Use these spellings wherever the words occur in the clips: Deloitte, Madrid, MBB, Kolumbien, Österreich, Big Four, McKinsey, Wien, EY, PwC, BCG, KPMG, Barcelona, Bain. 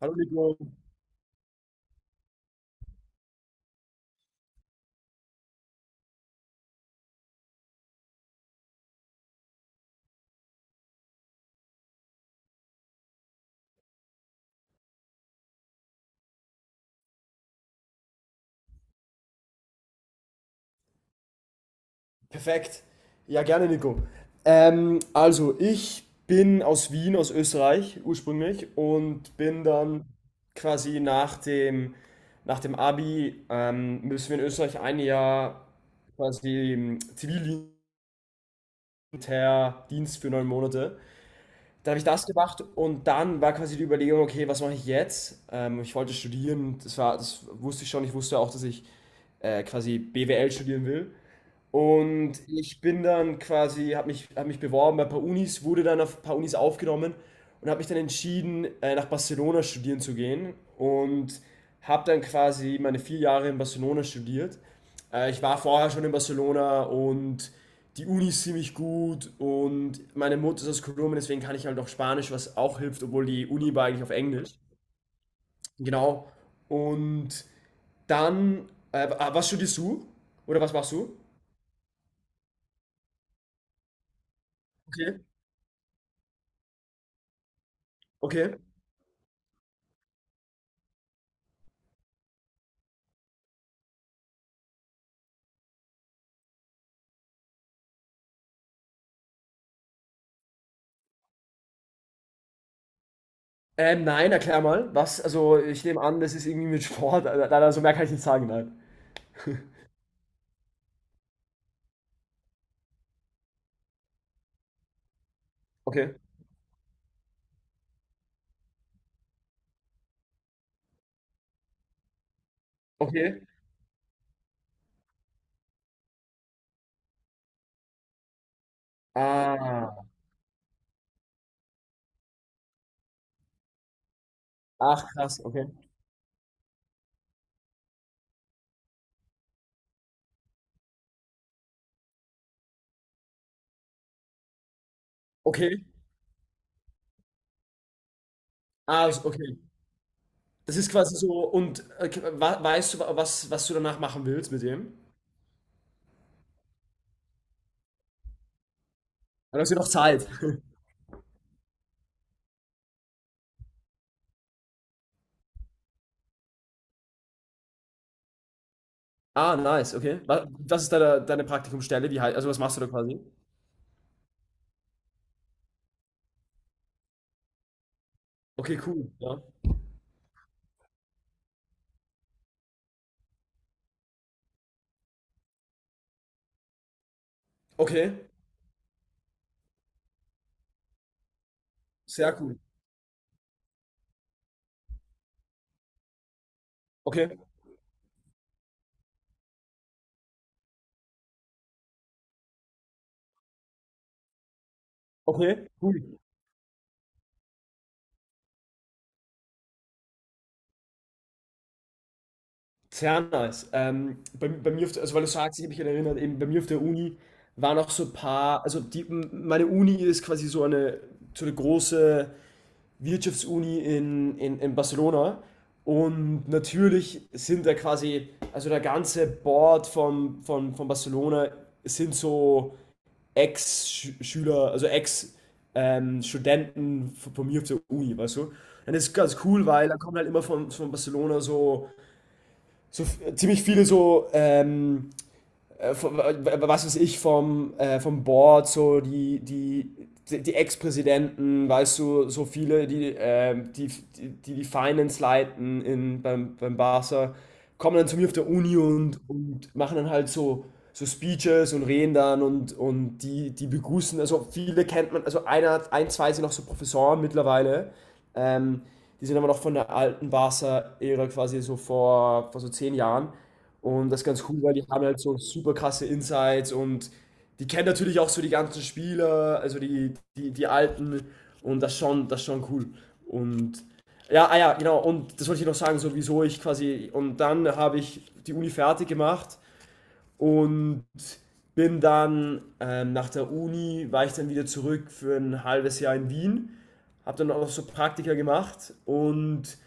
Hallo Nico. Perfekt. Ja, gerne Nico. Also, ich bin aus Wien, aus Österreich ursprünglich und bin dann quasi nach dem Abi, müssen wir in Österreich ein Jahr quasi im Zivildienst für 9 Monate. Dann habe ich das gemacht und dann war quasi die Überlegung, okay, was mache ich jetzt? Ich wollte studieren, das war, das wusste ich schon, ich wusste auch, dass ich quasi BWL studieren will. Und ich bin dann quasi, hab mich beworben bei ein paar Unis, wurde dann auf ein paar Unis aufgenommen und habe mich dann entschieden, nach Barcelona studieren zu gehen und habe dann quasi meine 4 Jahre in Barcelona studiert. Ich war vorher schon in Barcelona und die Uni ist ziemlich gut und meine Mutter ist aus Kolumbien, deswegen kann ich halt auch Spanisch, was auch hilft, obwohl die Uni war eigentlich auf Englisch. Genau. Und dann, was studierst du? Oder was machst du? Okay. Okay. Nein, erklär mal. Was? Also, ich nehme an, das ist irgendwie mit Sport. Also, leider so mehr kann ich nicht sagen, nein. Okay. Okay. Ah. Ach, krass, okay. Okay. Ah, okay. Das ist quasi so, und weißt du, was du danach machen willst mit dem? Dann hast du noch Zeit. Ah, nice, okay. Was ist deine Praktikumsstelle? Also, was machst du da quasi? Okay, cool, ja. Okay, sehr cool. Okay, okay, cool. Sehr nice. Bei mir, also weil du sagst, ich habe mich erinnert, eben bei mir auf der Uni waren auch so ein paar, also die, meine Uni ist quasi so eine große Wirtschaftsuni in Barcelona und natürlich sind da quasi, also der ganze Board von Barcelona sind so Ex-Schüler, also Studenten von mir auf der Uni, weißt du? Und das ist ganz cool, weil da kommen halt immer von Barcelona so ziemlich viele so was weiß ich, vom Board, so die Ex-Präsidenten, weißt du, so viele, die Finance leiten beim Barca, kommen dann zu mir auf der Uni und machen dann halt so Speeches und reden dann und die begrüßen, also viele kennt man, also ein, zwei sind auch so Professoren mittlerweile, ähm, die sind aber noch von der alten Barca-Ära quasi so vor so 10 Jahren. Und das ist ganz cool, weil die haben halt so super krasse Insights und die kennen natürlich auch so die ganzen Spieler, also die Alten und das ist schon cool. Und ja, ah ja, genau, und das wollte ich noch sagen, so wieso ich quasi, und dann habe ich die Uni fertig gemacht und bin dann nach der Uni, war ich dann wieder zurück für ein halbes Jahr in Wien, habe dann auch noch so Praktika gemacht und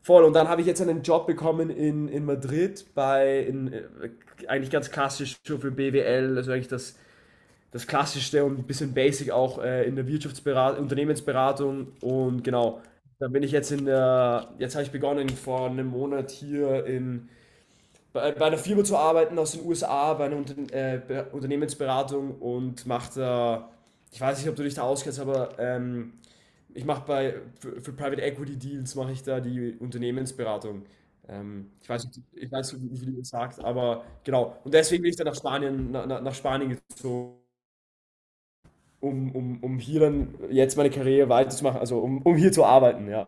voll, und dann habe ich jetzt einen Job bekommen in Madrid eigentlich ganz klassisch so für BWL, also eigentlich das Klassischste und ein bisschen basic auch in der Wirtschaftsberatung, Unternehmensberatung und genau, dann bin ich jetzt jetzt habe ich begonnen vor einem Monat hier bei einer Firma zu arbeiten aus den USA, bei einer Unternehmensberatung und mache da, ich weiß nicht, ob du dich da auskennst, aber ich mache für Private Equity Deals mache ich da die Unternehmensberatung. Ich weiß nicht, wie du das sagst, aber genau. Und deswegen bin ich dann nach Spanien gezogen, um hier dann jetzt meine Karriere weiterzumachen, also um hier zu arbeiten, ja.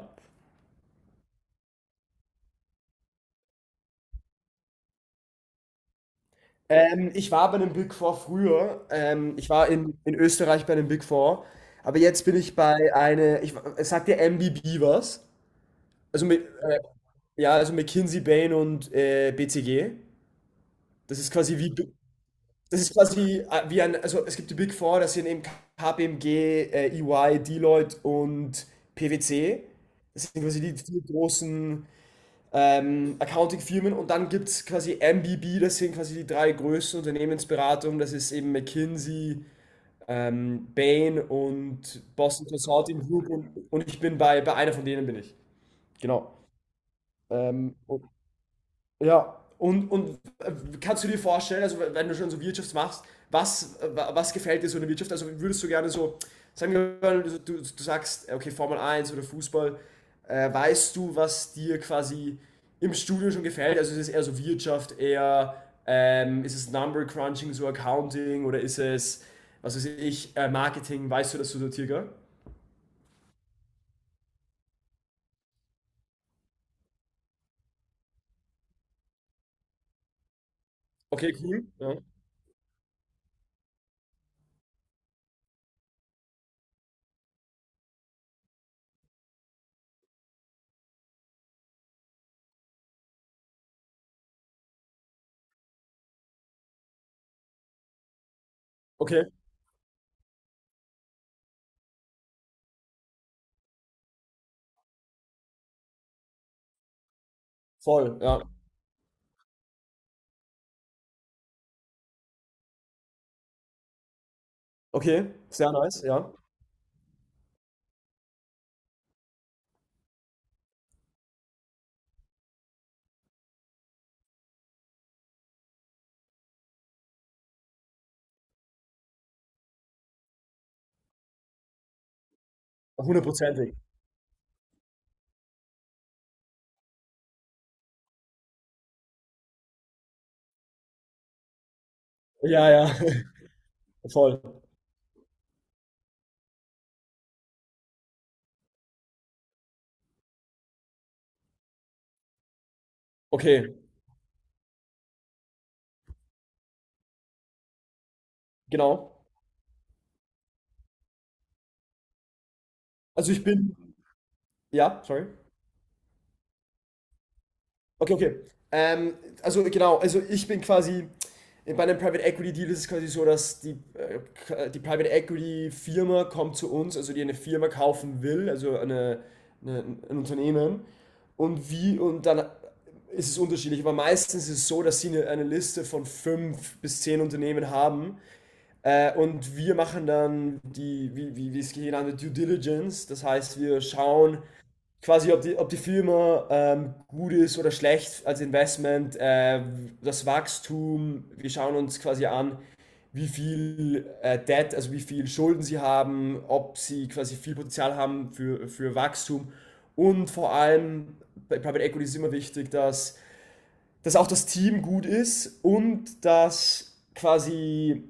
Ich war bei einem Big Four früher. Ich war in Österreich bei einem Big Four. Aber jetzt bin ich es sagt dir MBB was? Also ja, also McKinsey, Bain und BCG. Das ist quasi wie, Das ist quasi wie ein, also es gibt die Big Four, das sind eben KPMG, EY, Deloitte und PwC. Das sind quasi die vier großen Accounting-Firmen. Und dann gibt es quasi MBB, das sind quasi die drei größten Unternehmensberatungen. Das ist eben McKinsey, Bain und Boston Consulting Group. Und ich bin bei einer von denen bin ich. Genau. Ähm, und, ja, kannst du dir vorstellen, also wenn du schon so Wirtschaft machst, was gefällt dir so in der Wirtschaft? Also würdest du gerne so, sagen wir mal, du sagst, okay, Formel 1 oder Fußball, weißt du, was dir quasi im Studium schon gefällt? Also ist es eher so Wirtschaft, eher ist es Number Crunching, so Accounting oder ist es, was weiß ich, Marketing? Weißt du das so sortiert? Gell? Okay, cool. Ja. Okay, voll, ja. Okay, sehr nice, ja. Hundertprozentig. Ja, ja. Voll. Okay, genau. Also ich bin, ja, sorry. Okay, okay. Also genau, bei einem Private Equity Deal ist es quasi so, dass die Private Equity Firma kommt zu uns, also die eine Firma kaufen will, also eine, ein Unternehmen. Und dann ist es unterschiedlich, aber meistens ist es so, dass sie eine Liste von fünf bis zehn Unternehmen haben. Und wir machen dann wie es genannt wird, Due Diligence. Das heißt, wir schauen quasi, ob die Firma gut ist oder schlecht als Investment, das Wachstum. Wir schauen uns quasi an, wie viel Debt, also wie viel Schulden sie haben, ob sie quasi viel Potenzial haben für Wachstum. Und vor allem bei Private Equity ist immer wichtig, dass auch das Team gut ist und dass quasi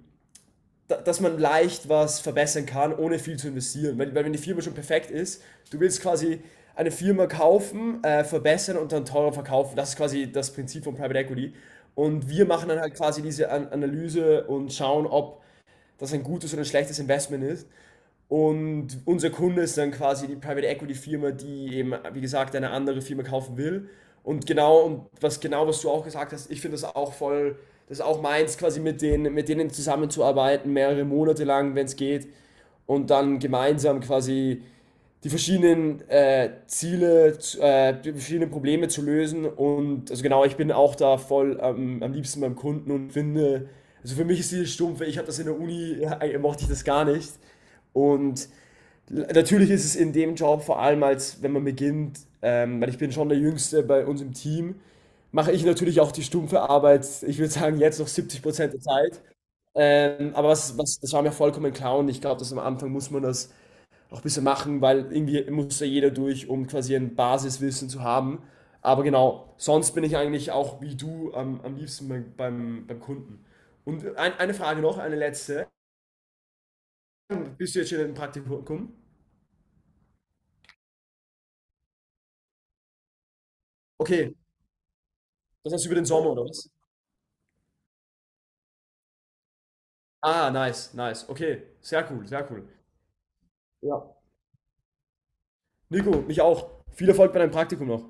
dass man leicht was verbessern kann, ohne viel zu investieren. Weil wenn die Firma schon perfekt ist, du willst quasi eine Firma kaufen, verbessern und dann teurer verkaufen. Das ist quasi das Prinzip von Private Equity. Und wir machen dann halt quasi diese An Analyse und schauen, ob das ein gutes oder ein schlechtes Investment ist. Und unser Kunde ist dann quasi die Private Equity Firma, die eben, wie gesagt, eine andere Firma kaufen will. Und genau, und was genau, was du auch gesagt hast, ich finde das auch voll, das ist auch meins, quasi mit denen zusammenzuarbeiten, mehrere Monate lang, wenn es geht. Und dann gemeinsam quasi die verschiedenen Probleme zu lösen. Und also genau, ich bin auch da voll am liebsten beim Kunden und finde, also für mich ist dieses Stumpfe, ich habe das in der Uni, ja, mochte ich das gar nicht. Und natürlich ist es in dem Job, vor allem als wenn man beginnt, weil ich bin schon der Jüngste bei uns im Team, mache ich natürlich auch die stumpfe Arbeit, ich würde sagen, jetzt noch 70% der Zeit. Aber das war mir vollkommen klar und ich glaube, dass am Anfang muss man das auch ein bisschen machen, weil irgendwie muss ja jeder durch, um quasi ein Basiswissen zu haben. Aber genau, sonst bin ich eigentlich auch wie du am liebsten beim Kunden. Und eine Frage noch, eine letzte. Bist du jetzt schon im Praktikum? Okay, das heißt über den Sommer, oder was? Ah, nice, nice. Okay, sehr cool, sehr cool. Ja. Nico, mich auch. Viel Erfolg bei deinem Praktikum noch.